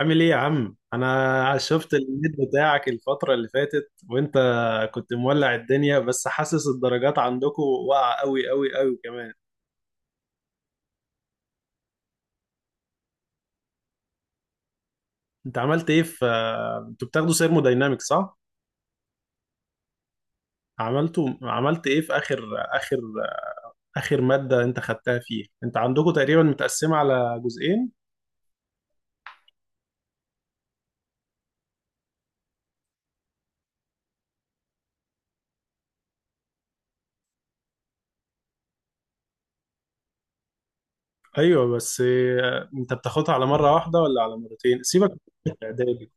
عامل ايه يا عم؟ انا شفت النت بتاعك الفترة اللي فاتت وانت كنت مولع الدنيا، بس حاسس الدرجات عندكم واقعة قوي قوي قوي كمان. انت عملت ايه في انتوا بتاخدوا سيرموداينامكس صح؟ عملت ايه في اخر اخر مادة انت خدتها فيها؟ انت عندكم تقريبا متقسمة على جزئين. ايوه، بس انت بتاخدها على مرة واحدة ولا على مرتين؟ سيبك من الإعدادي.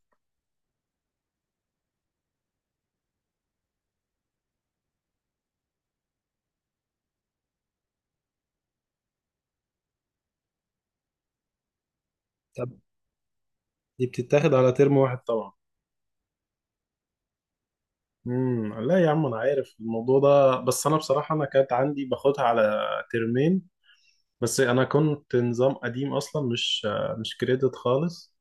طب دي بتتاخد على ترم واحد طبعا. لا يا عم، انا عارف الموضوع ده، بس انا بصراحه انا كانت عندي باخدها على ترمين. بس انا كنت نظام قديم اصلا، مش كريدت خالص.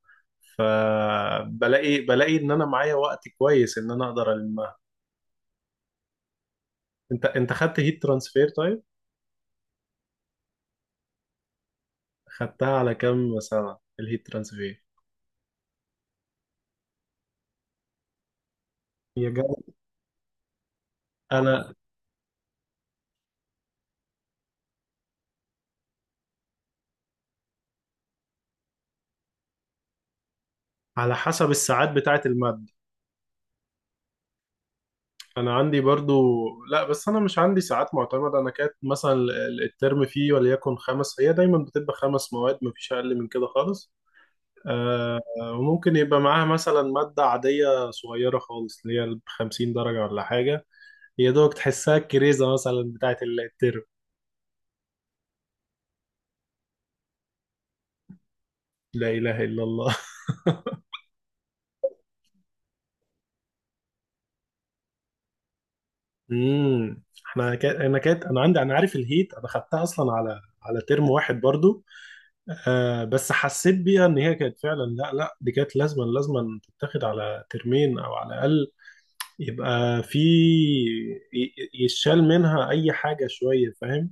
فبلاقي ان انا معايا وقت كويس ان انا اقدر المها. انت خدت هيت ترانسفير طيب؟ خدتها على كام سنه الهيت ترانسفير؟ هي جامدة. انا على حسب الساعات بتاعه الماده. انا عندي برضو، لا، بس انا مش عندي ساعات معتمده. انا كانت مثلا الترم فيه وليكن خمس، هي دايما بتبقى خمس مواد، مفيش اقل من كده خالص. آه. وممكن يبقى معاها مثلا ماده عاديه صغيره خالص اللي هي ب 50 درجه ولا حاجه، يا دوبك تحسها الكريزه مثلا بتاعه الترم. لا اله الا الله. انا كانت انا عندي، انا عارف الهيت، انا خدتها اصلا على ترم واحد برضو. آه، بس حسيت بيها ان هي كانت فعلا، لا لا دي كانت لازما تتاخد على ترمين او على الاقل يبقى في يشال منها اي حاجه شويه، فاهم؟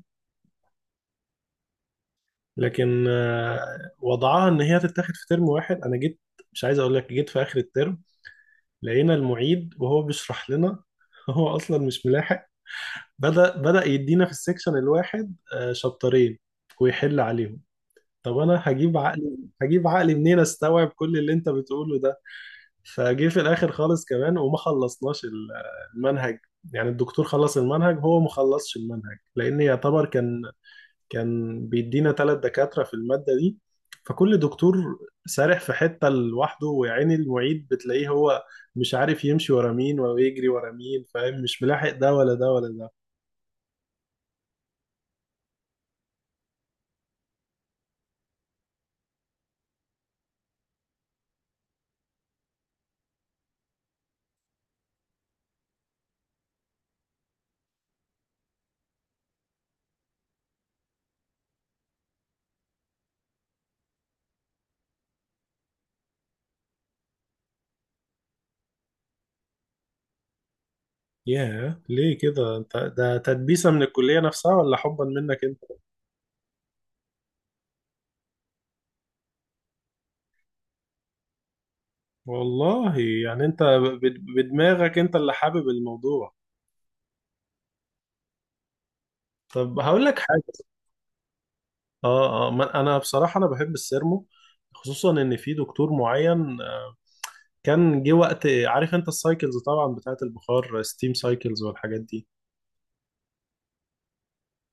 لكن آه، وضعها ان هي تتاخد في ترم واحد. انا جيت، مش عايز اقول لك، جيت في اخر الترم لقينا المعيد وهو بيشرح لنا. هو اصلا مش ملاحق. بدأ يدينا في السكشن الواحد آه شابترين ويحل عليهم. طب انا هجيب عقلي؟ هجيب عقلي منين استوعب كل اللي انت بتقوله ده؟ فجه في الاخر خالص كمان وما خلصناش المنهج. يعني الدكتور خلص المنهج، هو ما خلصش المنهج لان يعتبر كان بيدينا ثلاث دكاترة في المادة دي، فكل دكتور سارح في حتة لوحده، ويعني المعيد بتلاقيه هو مش عارف يمشي ورا مين ويجري ورا مين، فاهم؟ مش ملاحق ده ولا ده ولا ده. ياه، ليه كده؟ انت ده تدبيسة من الكلية نفسها ولا حبا منك انت؟ والله يعني انت بدماغك انت اللي حابب الموضوع. طب هقول لك حاجة. اه اه، انا بصراحه انا بحب السيرمو، خصوصا ان في دكتور معين آه، كان جه وقت، عارف انت السايكلز طبعا بتاعت البخار، ستيم سايكلز والحاجات دي.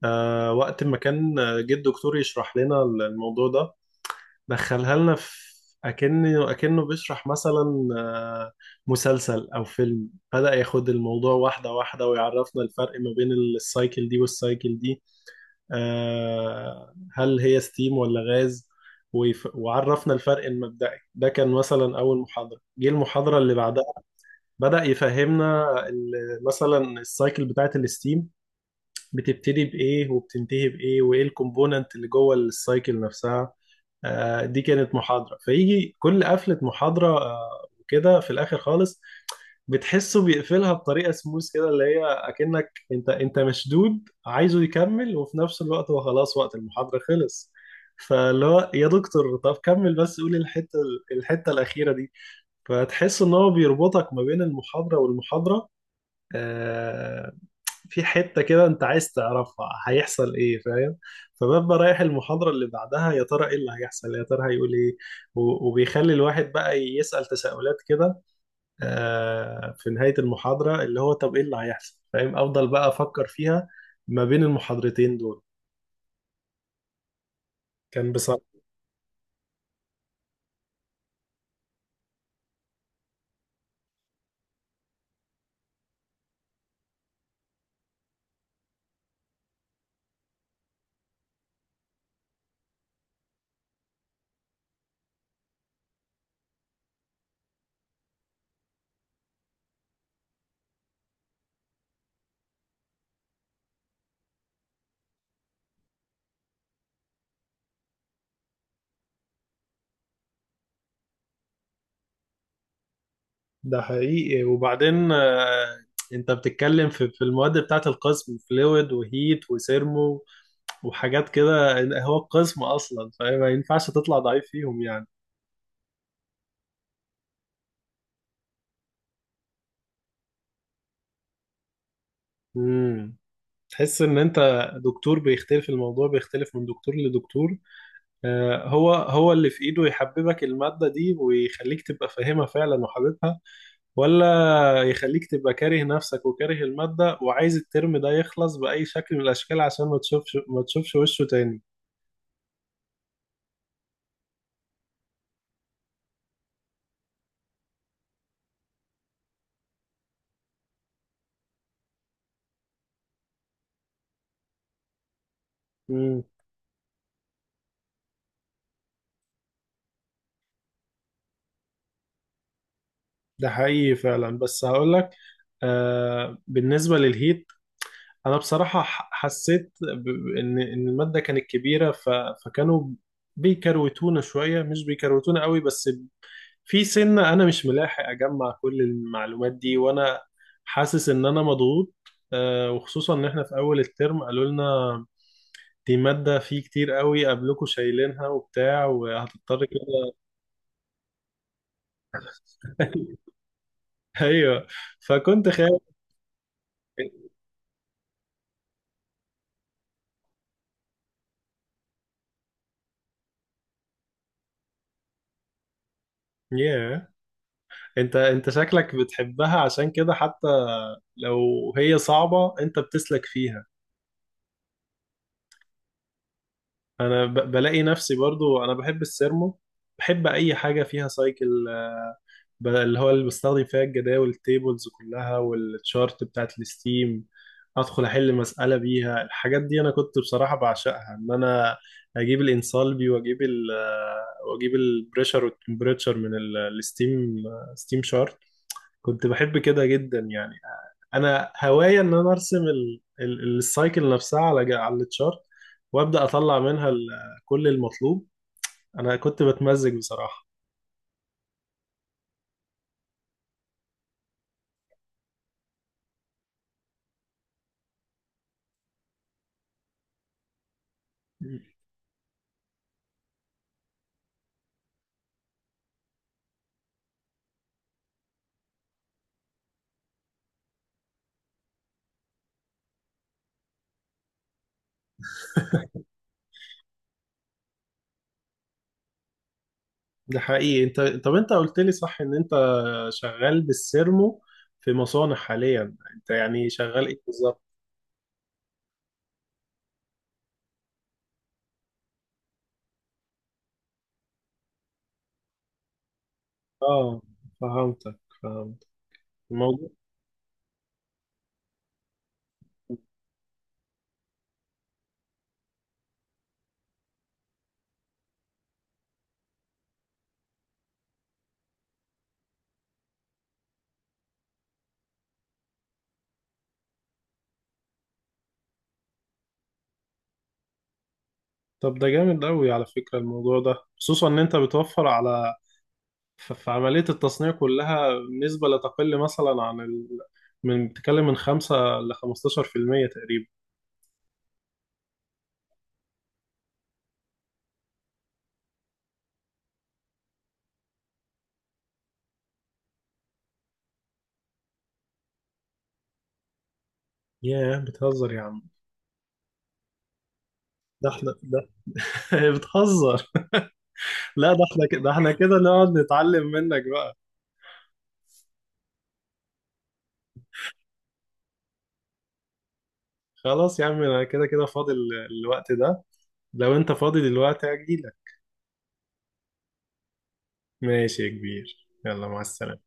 آه، وقت ما كان آه، جه الدكتور يشرح لنا الموضوع ده، دخلها لنا في اكنه بيشرح مثلا آه، مسلسل او فيلم. بدأ ياخد الموضوع واحده واحده ويعرفنا الفرق ما بين السايكل دي والسايكل دي، آه، هل هي ستيم ولا غاز. وعرفنا الفرق المبدئي ده، كان مثلا اول محاضره. جه المحاضره اللي بعدها بدا يفهمنا مثلا السايكل بتاعه الستيم، بتبتدي بايه وبتنتهي بايه وايه الكومبوننت اللي جوه السايكل نفسها. آه، دي كانت محاضره فيجي. كل قفله محاضره آه، وكده في الاخر خالص، بتحسه بيقفلها بطريقه سموث كده، اللي هي اكنك انت مشدود عايزه يكمل، وفي نفس الوقت هو خلاص وقت المحاضره خلص. فاللي هو يا دكتور طب كمل بس، قول الحته الاخيره دي. فتحس ان هو بيربطك ما بين المحاضره والمحاضره، آه، في حته كده انت عايز تعرفها هيحصل ايه، فاهم؟ فببقى رايح المحاضره اللي بعدها، يا ترى ايه اللي هيحصل، يا ترى هيقول ايه. وبيخلي الواحد بقى يسال تساؤلات كده آه، في نهاية المحاضرة، اللي هو طب ايه اللي هيحصل، فاهم؟ افضل بقى افكر فيها ما بين المحاضرتين دول. كان بصراحة، ده حقيقي. وبعدين آه، انت بتتكلم في المواد بتاعت القسم، فلويد وهيت وسيرمو وحاجات كده. هو القسم اصلا فاهم ما ينفعش تطلع ضعيف فيهم يعني. امم، تحس ان انت، دكتور بيختلف، الموضوع بيختلف من دكتور لدكتور. آه، هو هو اللي في ايده يحببك المادة دي ويخليك تبقى فاهمها فعلا وحاببها، ولا يخليك تبقى كاره نفسك وكاره المادة وعايز الترم ده يخلص بأي شكل من الأشكال عشان ما تشوفش وشه تاني. امم. ده حقيقي فعلا. بس هقولك آه، بالنسبة للهيت، أنا بصراحة حسيت إن المادة كانت كبيرة، ف... فكانوا بيكروتونا شوية، مش بيكروتونا قوي، بس في سنة أنا مش ملاحق أجمع كل المعلومات دي، وأنا حاسس إن أنا مضغوط. آه، وخصوصا إن إحنا في أول الترم قالوا لنا دي مادة في كتير قوي قبلكوا شايلينها وبتاع، وهتضطر كده. ايوه، فكنت خايف. ياه، انت شكلك بتحبها عشان كده، حتى لو هي صعبة انت بتسلك فيها. انا بلاقي نفسي برضو انا بحب السيرمو، بحب اي حاجة فيها سايكل، اللي هو اللي بستخدم فيها الجداول التيبلز كلها والتشارت بتاعت الستيم. ادخل احل مسألة بيها الحاجات دي، انا كنت بصراحة بعشقها، ان انا اجيب الانسالبي واجيب ال آه، واجيب البريشر والتمبريتشر من الستيم، ستيم شارت. كنت بحب كده جدا يعني. انا هواية ان انا ارسم السايكل نفسها على على التشارت وابدا اطلع منها كل المطلوب. انا كنت بتمزج بصراحة. ده حقيقي. انت طب انت قلت لي صح ان انت شغال بالسيرمو في مصانع حاليا، انت يعني شغال ايه بالظبط؟ اه، فهمتك، فهمت الموضوع. طب ده جامد قوي على فكرة الموضوع ده، خصوصا ان انت بتوفر على في عملية التصنيع كلها نسبة لا تقل مثلا عن ال... من بتتكلم من 5 ل 15% تقريبا. ياه، بتهزر يا عم. ده احنا ده بتهزر. لا، ده احنا كده، ده احنا كده نقعد نتعلم منك. خلاص يا عم، انا كده كده فاضي الوقت ده، لو انت فاضي دلوقتي هجيلك. ماشي يا كبير، يلا مع السلامة.